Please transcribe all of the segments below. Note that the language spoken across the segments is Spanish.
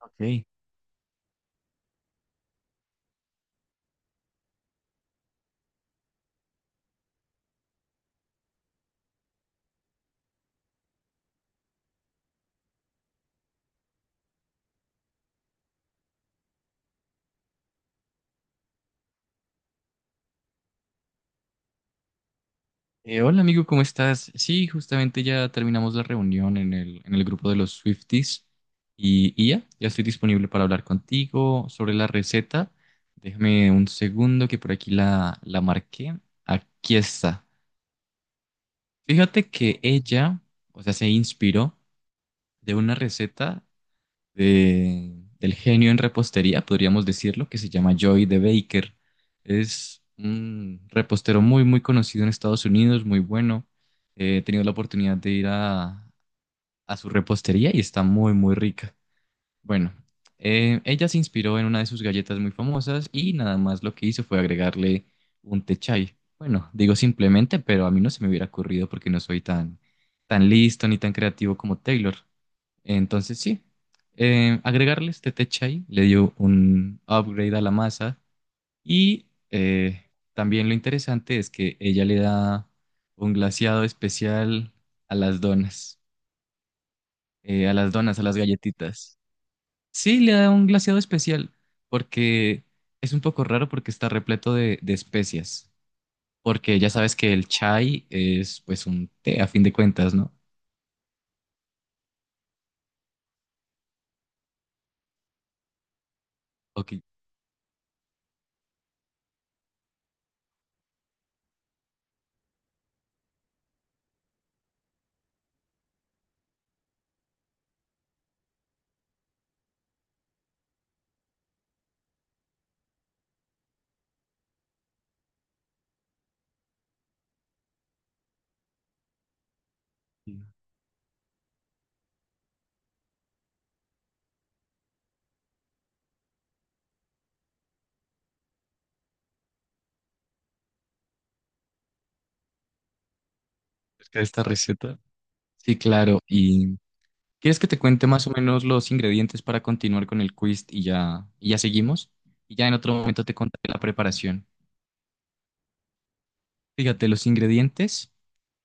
Ok. Hola amigo, ¿cómo estás? Sí, justamente ya terminamos la reunión en el grupo de los Swifties y ya estoy disponible para hablar contigo sobre la receta. Déjame un segundo que por aquí la marqué. Aquí está. Fíjate que ella, o sea, se inspiró de una receta del genio en repostería, podríamos decirlo, que se llama Joy de Baker. Es un repostero muy, muy conocido en Estados Unidos, muy bueno. He tenido la oportunidad de ir a su repostería y está muy, muy rica. Bueno, ella se inspiró en una de sus galletas muy famosas y nada más lo que hizo fue agregarle un té chai. Bueno, digo simplemente, pero a mí no se me hubiera ocurrido porque no soy tan, tan listo ni tan creativo como Taylor. Entonces, sí, agregarle este té chai le dio un upgrade a la masa y también lo interesante es que ella le da un glaseado especial a las donas, a las galletitas. Sí, le da un glaseado especial porque es un poco raro porque está repleto de especias, porque ya sabes que el chai es pues un té a fin de cuentas, ¿no? Ok, es que esta receta. Sí, claro, y ¿quieres que te cuente más o menos los ingredientes para continuar con el quiz y ya seguimos? Y ya en otro momento te contaré la preparación. Fíjate, los ingredientes,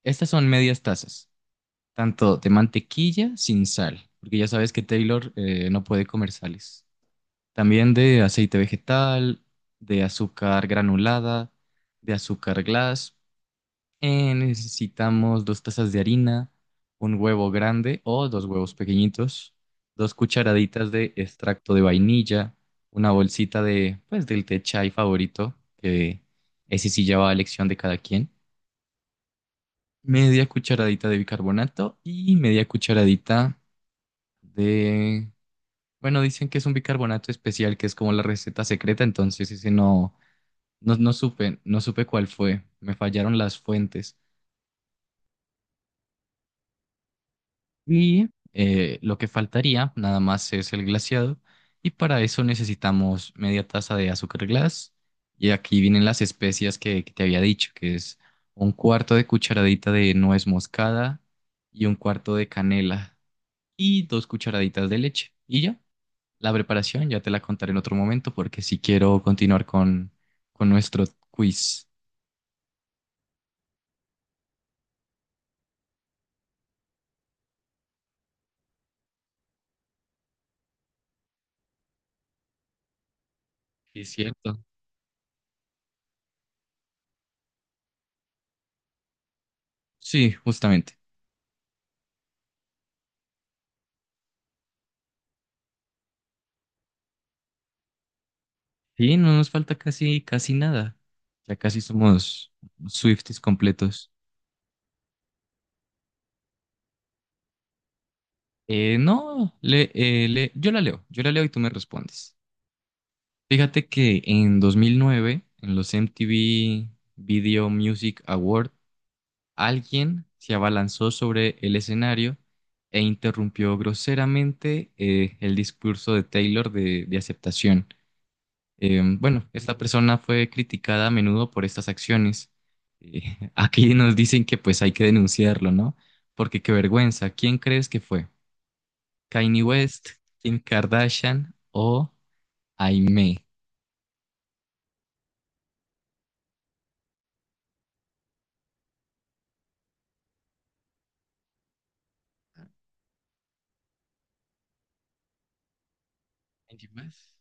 estas son medias tazas, tanto de mantequilla sin sal, porque ya sabes que Taylor no puede comer sales. También de aceite vegetal, de azúcar granulada, de azúcar glass. Necesitamos 2 tazas de harina, un huevo grande o dos huevos pequeñitos, 2 cucharaditas de extracto de vainilla, una bolsita de, pues, del té chai favorito, que ese sí ya va a elección de cada quien, media cucharadita de bicarbonato y media cucharadita de, bueno, dicen que es un bicarbonato especial, que es como la receta secreta, entonces ese no, no supe cuál fue, me fallaron las fuentes. Y lo que faltaría nada más es el glaseado. Y para eso necesitamos media taza de azúcar glass. Y aquí vienen las especias que te había dicho, que es un cuarto de cucharadita de nuez moscada y un cuarto de canela y 2 cucharaditas de leche. Y ya, la preparación ya te la contaré en otro momento porque si quiero continuar con nuestro quiz. Sí, cierto. Sí, justamente. Sí, no nos falta casi, casi nada. Ya casi somos Swifties completos. No, yo la leo, y tú me respondes. Fíjate que en 2009, en los MTV Video Music Award, alguien se abalanzó sobre el escenario e interrumpió groseramente el discurso de Taylor de aceptación. Bueno, esta persona fue criticada a menudo por estas acciones. Eh, aquí nos dicen que pues hay que denunciarlo, ¿no? Porque qué vergüenza. ¿Quién crees que fue? ¿Kanye West, Kim Kardashian o Aimee? Kanye West.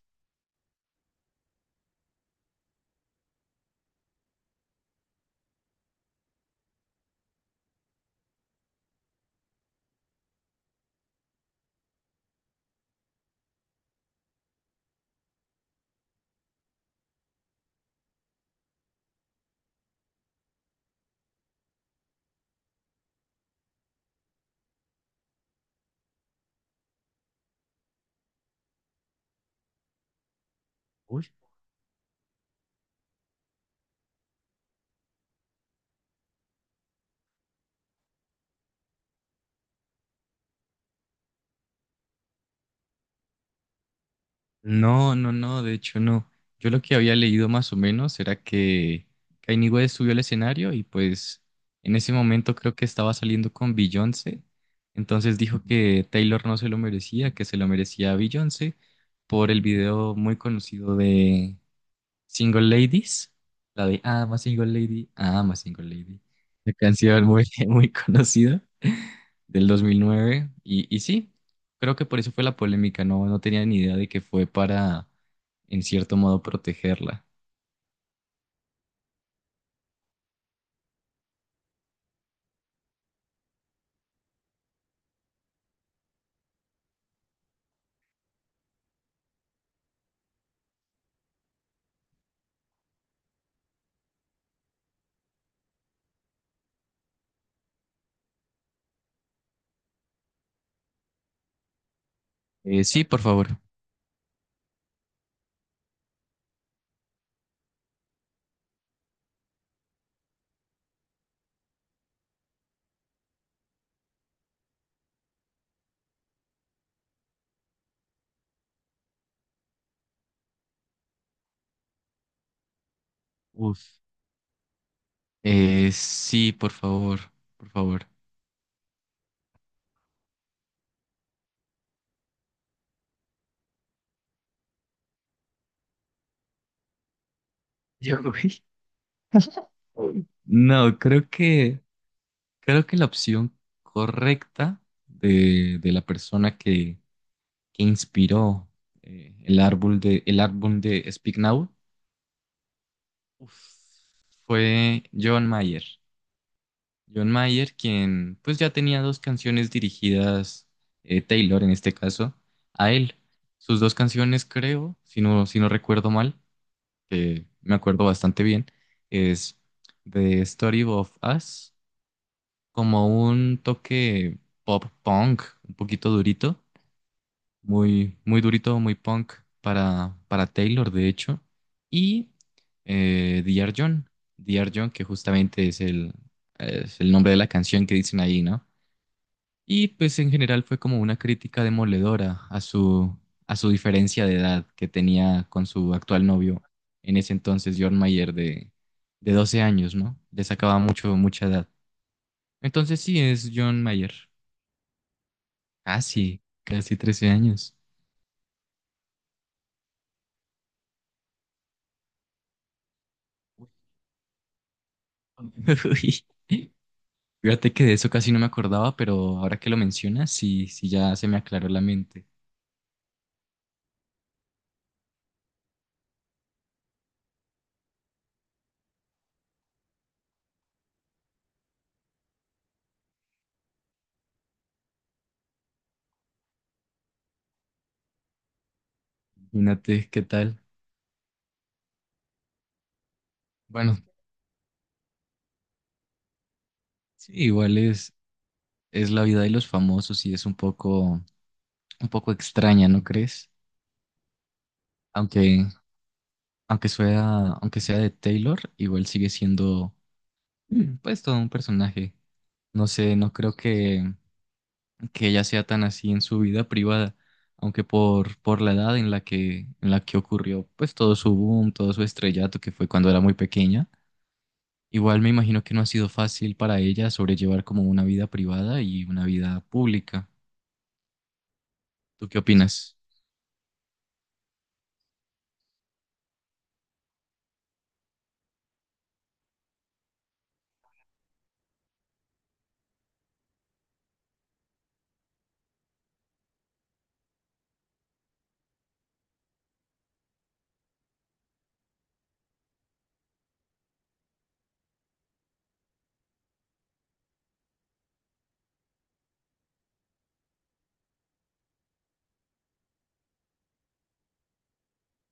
Uy. No, no, no, de hecho no. Yo lo que había leído más o menos era que Kanye West subió al escenario y pues en ese momento creo que estaba saliendo con Beyoncé, entonces dijo que Taylor no se lo merecía, que se lo merecía a Beyoncé por el video muy conocido de Single Ladies, la de I'm a Single Lady, I'm a Single Lady, la canción muy, muy conocida del 2009. Y sí, creo que por eso fue la polémica, no, no tenía ni idea de que fue para, en cierto modo, protegerla. Sí, por favor. Uf. Sí, por favor, por favor. Yo, güey. No, creo que la opción correcta de la persona que inspiró el álbum de Speak Now uf, fue John Mayer. John Mayer, quien pues ya tenía dos canciones dirigidas, Taylor en este caso, a él. Sus dos canciones, creo, si no recuerdo mal, que me acuerdo bastante bien, es The Story of Us, como un toque pop punk, un poquito durito. Muy, muy durito, muy punk para Taylor, de hecho. Y D.R. John. D.R. John, que justamente es el, nombre de la canción que dicen ahí, ¿no? Y pues en general fue como una crítica demoledora a su diferencia de edad que tenía con su actual novio, en ese entonces, John Mayer, de 12 años, ¿no? Le sacaba mucho, mucha edad. Entonces sí, es John Mayer. Casi, casi 13 años. Uy. Fíjate que de eso casi no me acordaba, pero ahora que lo mencionas, sí, sí ya se me aclaró la mente. Imagínate qué tal. Bueno, sí, igual es la vida de los famosos y es un poco extraña, ¿no crees? Aunque, aunque sea de Taylor, igual sigue siendo, mm, pues, todo un personaje. No sé, no creo que ella sea tan así en su vida privada, aunque por la edad en la que ocurrió, pues, todo su boom, todo su estrellato, que fue cuando era muy pequeña. Igual me imagino que no ha sido fácil para ella sobrellevar como una vida privada y una vida pública. ¿Tú qué opinas?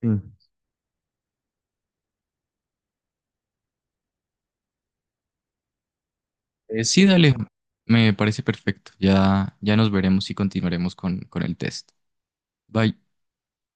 Sí. Sí, dale, me parece perfecto. Ya nos veremos y continuaremos con el test. Bye.